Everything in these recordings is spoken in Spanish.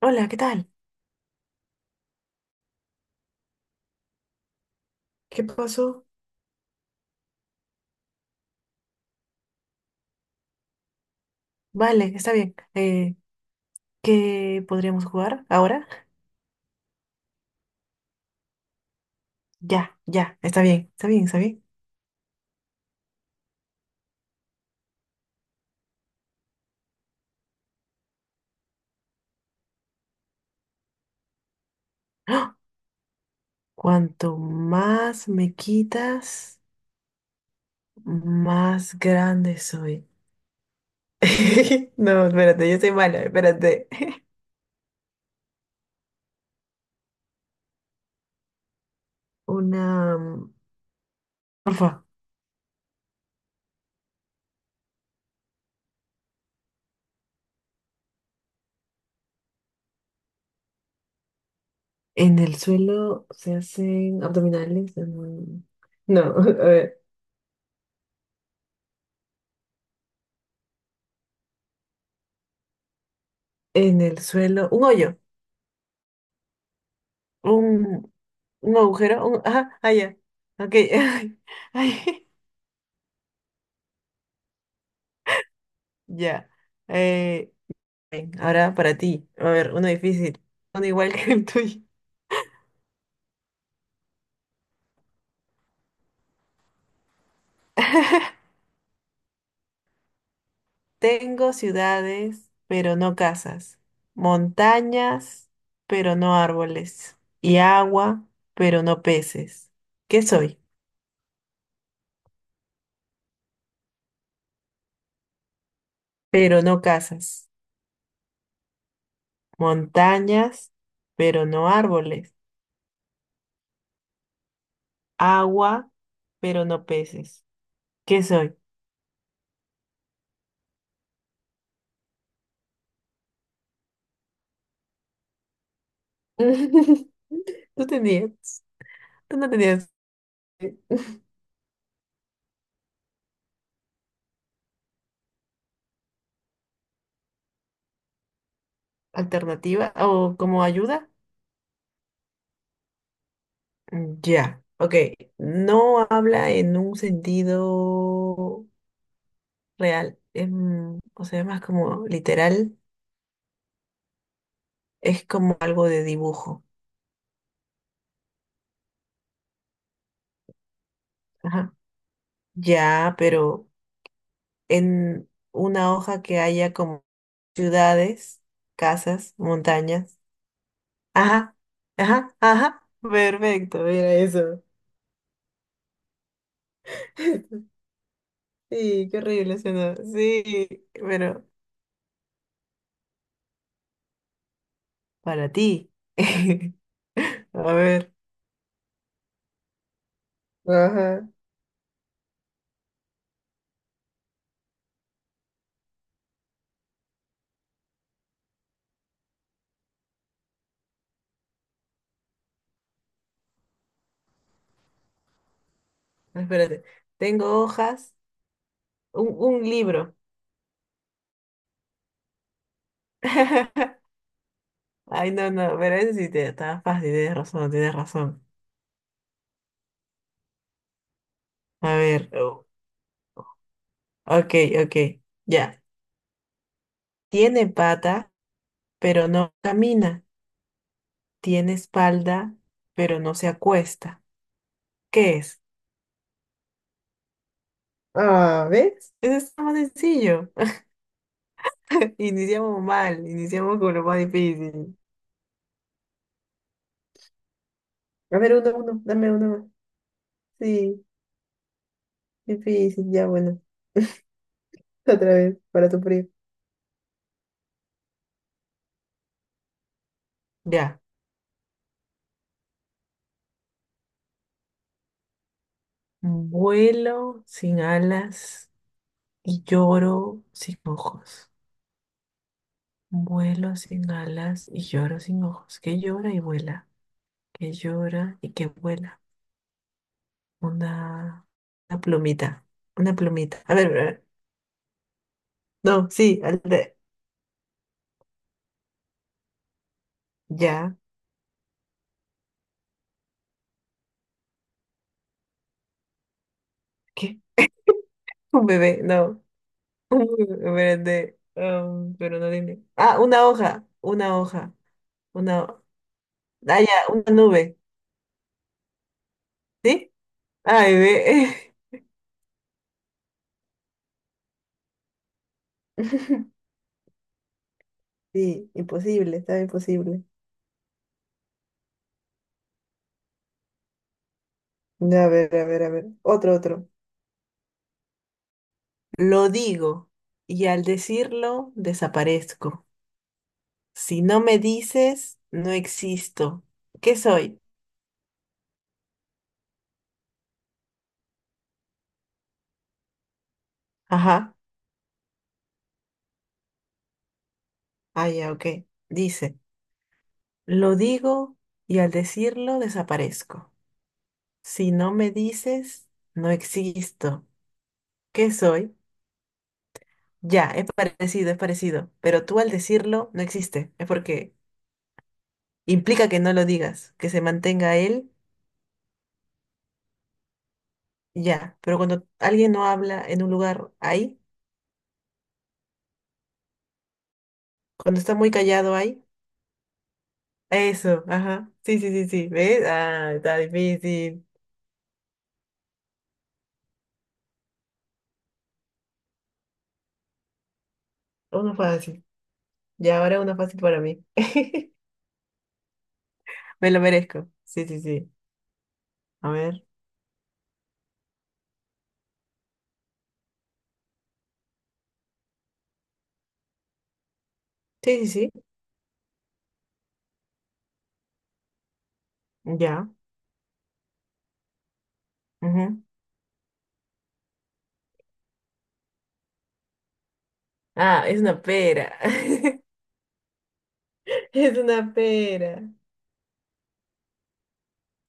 Hola, ¿qué tal? ¿Qué pasó? Vale, está bien. ¿Qué podríamos jugar ahora? Ya, ya, está bien, está bien, está bien. ¡Ah! Cuanto más me quitas, más grande soy. No, espérate, yo soy mala, espérate. Una... mm, Porfa, en el suelo se hacen abdominales. No, a ver, en el suelo, un hoyo, un un agujero, un... Ajá, ah, ya. Ok. Ay, ya. Eh, ven, ahora para ti. A ver, uno difícil. Uno igual que el tuyo. Tengo ciudades, pero no casas. Montañas, pero no árboles. Y agua, pero no peces. ¿Qué soy? Pero no casas. Montañas, pero no árboles. Agua, pero no peces. ¿Qué soy? ¿Tú tenías? ¿Tú no tenías eh, alternativa o como ayuda? Ya, ok. No habla en un sentido real. Es o sea, más como literal. Es como algo de dibujo. Ajá. Ya, pero en una hoja que haya como ciudades, casas, montañas. Ajá, ajá, ajá. Perfecto, mira eso. Sí, qué horrible suena. Sí, pero... Para ti. A ver. Ajá. Espérate. Tengo hojas. Un libro. Ay, no, no. Pero ese sí te está fácil. Tienes razón, tienes razón. A ver. oh, Ok, ok. Ya. Tiene pata, pero no camina. Tiene espalda, pero no se acuesta. ¿Qué es? Ah, ¿ves? Eso está más sencillo. Iniciamos mal. Iniciamos con lo más difícil. A ver, uno, dame uno más. Sí. Difícil, ya bueno. Otra vez, para tu frío. Ya. Vuelo sin alas y lloro sin ojos. Vuelo sin alas y lloro sin ojos. Que llora y vuela. Que llora y que vuela. Una, una plumita. Una plumita. A ver, a ver. No, sí, ya. ¿Qué? Un bebé, no. Un bebé, espérate, pero no tiene. Ah, una hoja. Una hoja. Una. Ah, ya, una nube. ¿Sí? Ay, ve. Sí, imposible, está imposible. A ver, a ver, a ver. Otro, otro. Lo digo y al decirlo desaparezco. Si no me dices, no existo. ¿Qué soy? Ajá. Ah, ya, ok. Dice, lo digo y al decirlo desaparezco. Si no me dices, no existo. ¿Qué soy? Ya, es parecido, es parecido. Pero tú al decirlo no existe. Es porque implica que no lo digas, que se mantenga él, ya. Pero cuando alguien no habla en un lugar ahí, cuando está muy callado ahí, eso, ajá. Sí, sí, sí, sí. ¿Ves? Ah, está difícil. Uno fácil. Ya, ahora uno fácil para mí. Me lo merezco. Sí, sí, sí. A ver. Sí, sí, sí. Ya. Ujú. Ah, es una pera. Es una pera.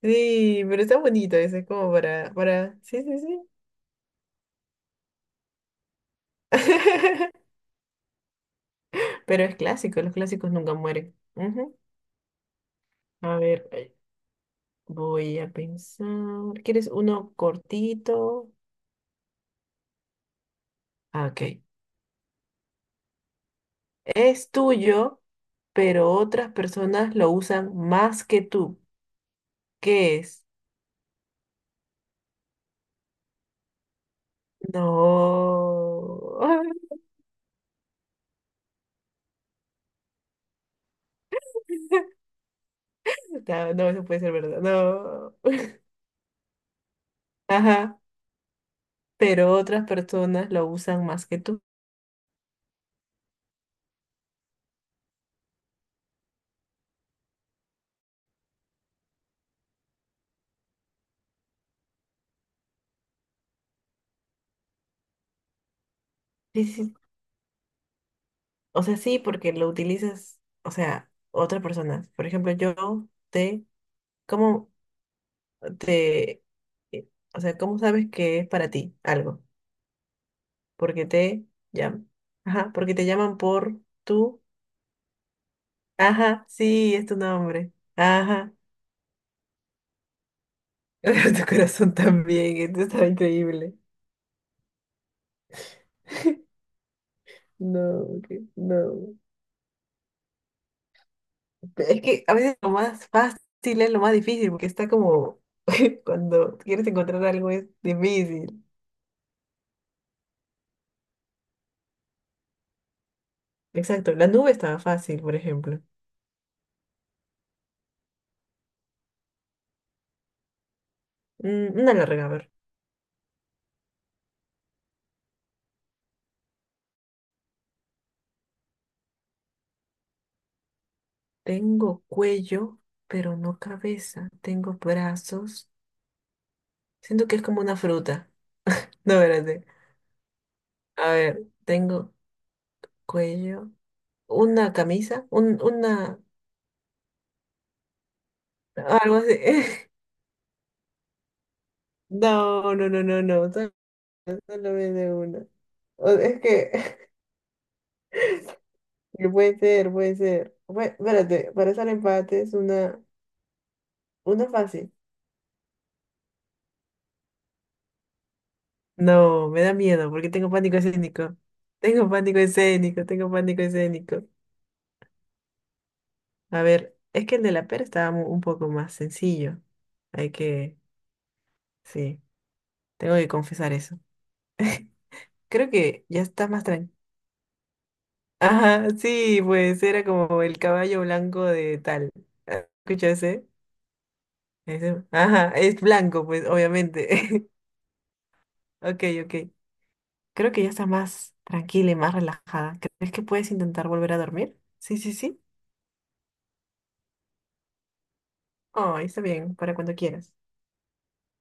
Sí, pero está bonito eso, es como para. Sí, sí, sí. Pero es clásico, los clásicos nunca mueren. Ujú. A ver, voy a pensar. ¿Quieres uno cortito? Ah, ok. Es tuyo, pero otras personas lo usan más que tú. ¿Qué es? No. No, no, eso puede ser verdad. No. Ajá. Pero otras personas lo usan más que tú. Sí, sí, sí. O sea, sí, porque lo utilizas, o sea, otras personas. Por ejemplo, yo te... ¿Cómo? te, eh, o sea, ¿cómo sabes que es para ti algo? Porque te llaman. Ajá, porque te llaman por tú. Ajá, sí, es tu nombre. Ajá. Tu corazón también, esto está increíble. No, no. Es que a veces lo más fácil es lo más difícil, porque está como cuando quieres encontrar algo es difícil. Exacto, la nube estaba fácil, por ejemplo. Una larga, a ver. Tengo cuello, pero no cabeza. Tengo brazos. Siento que es como una fruta. No, espérate. A ver, tengo cuello, una camisa, una, algo así. No, no, no, no, no. Solo me una. Es que que puede ser, puede ser. Bueno, espérate, para hacer empates, una fácil. No, me da miedo porque tengo pánico escénico. Tengo pánico escénico, tengo pánico escénico. A ver, es que el de la pera estaba un poco más sencillo. Hay que, sí, tengo que confesar eso. Creo que ya está más tranquilo. Ajá, sí, pues era como el caballo blanco de tal. ¿Escuchaste? Ajá, es blanco, pues, obviamente. Ok, ok. Creo que ya está más tranquila y más relajada. ¿Crees que puedes intentar volver a dormir? Sí, sí, sí. Oh, está bien, para cuando quieras.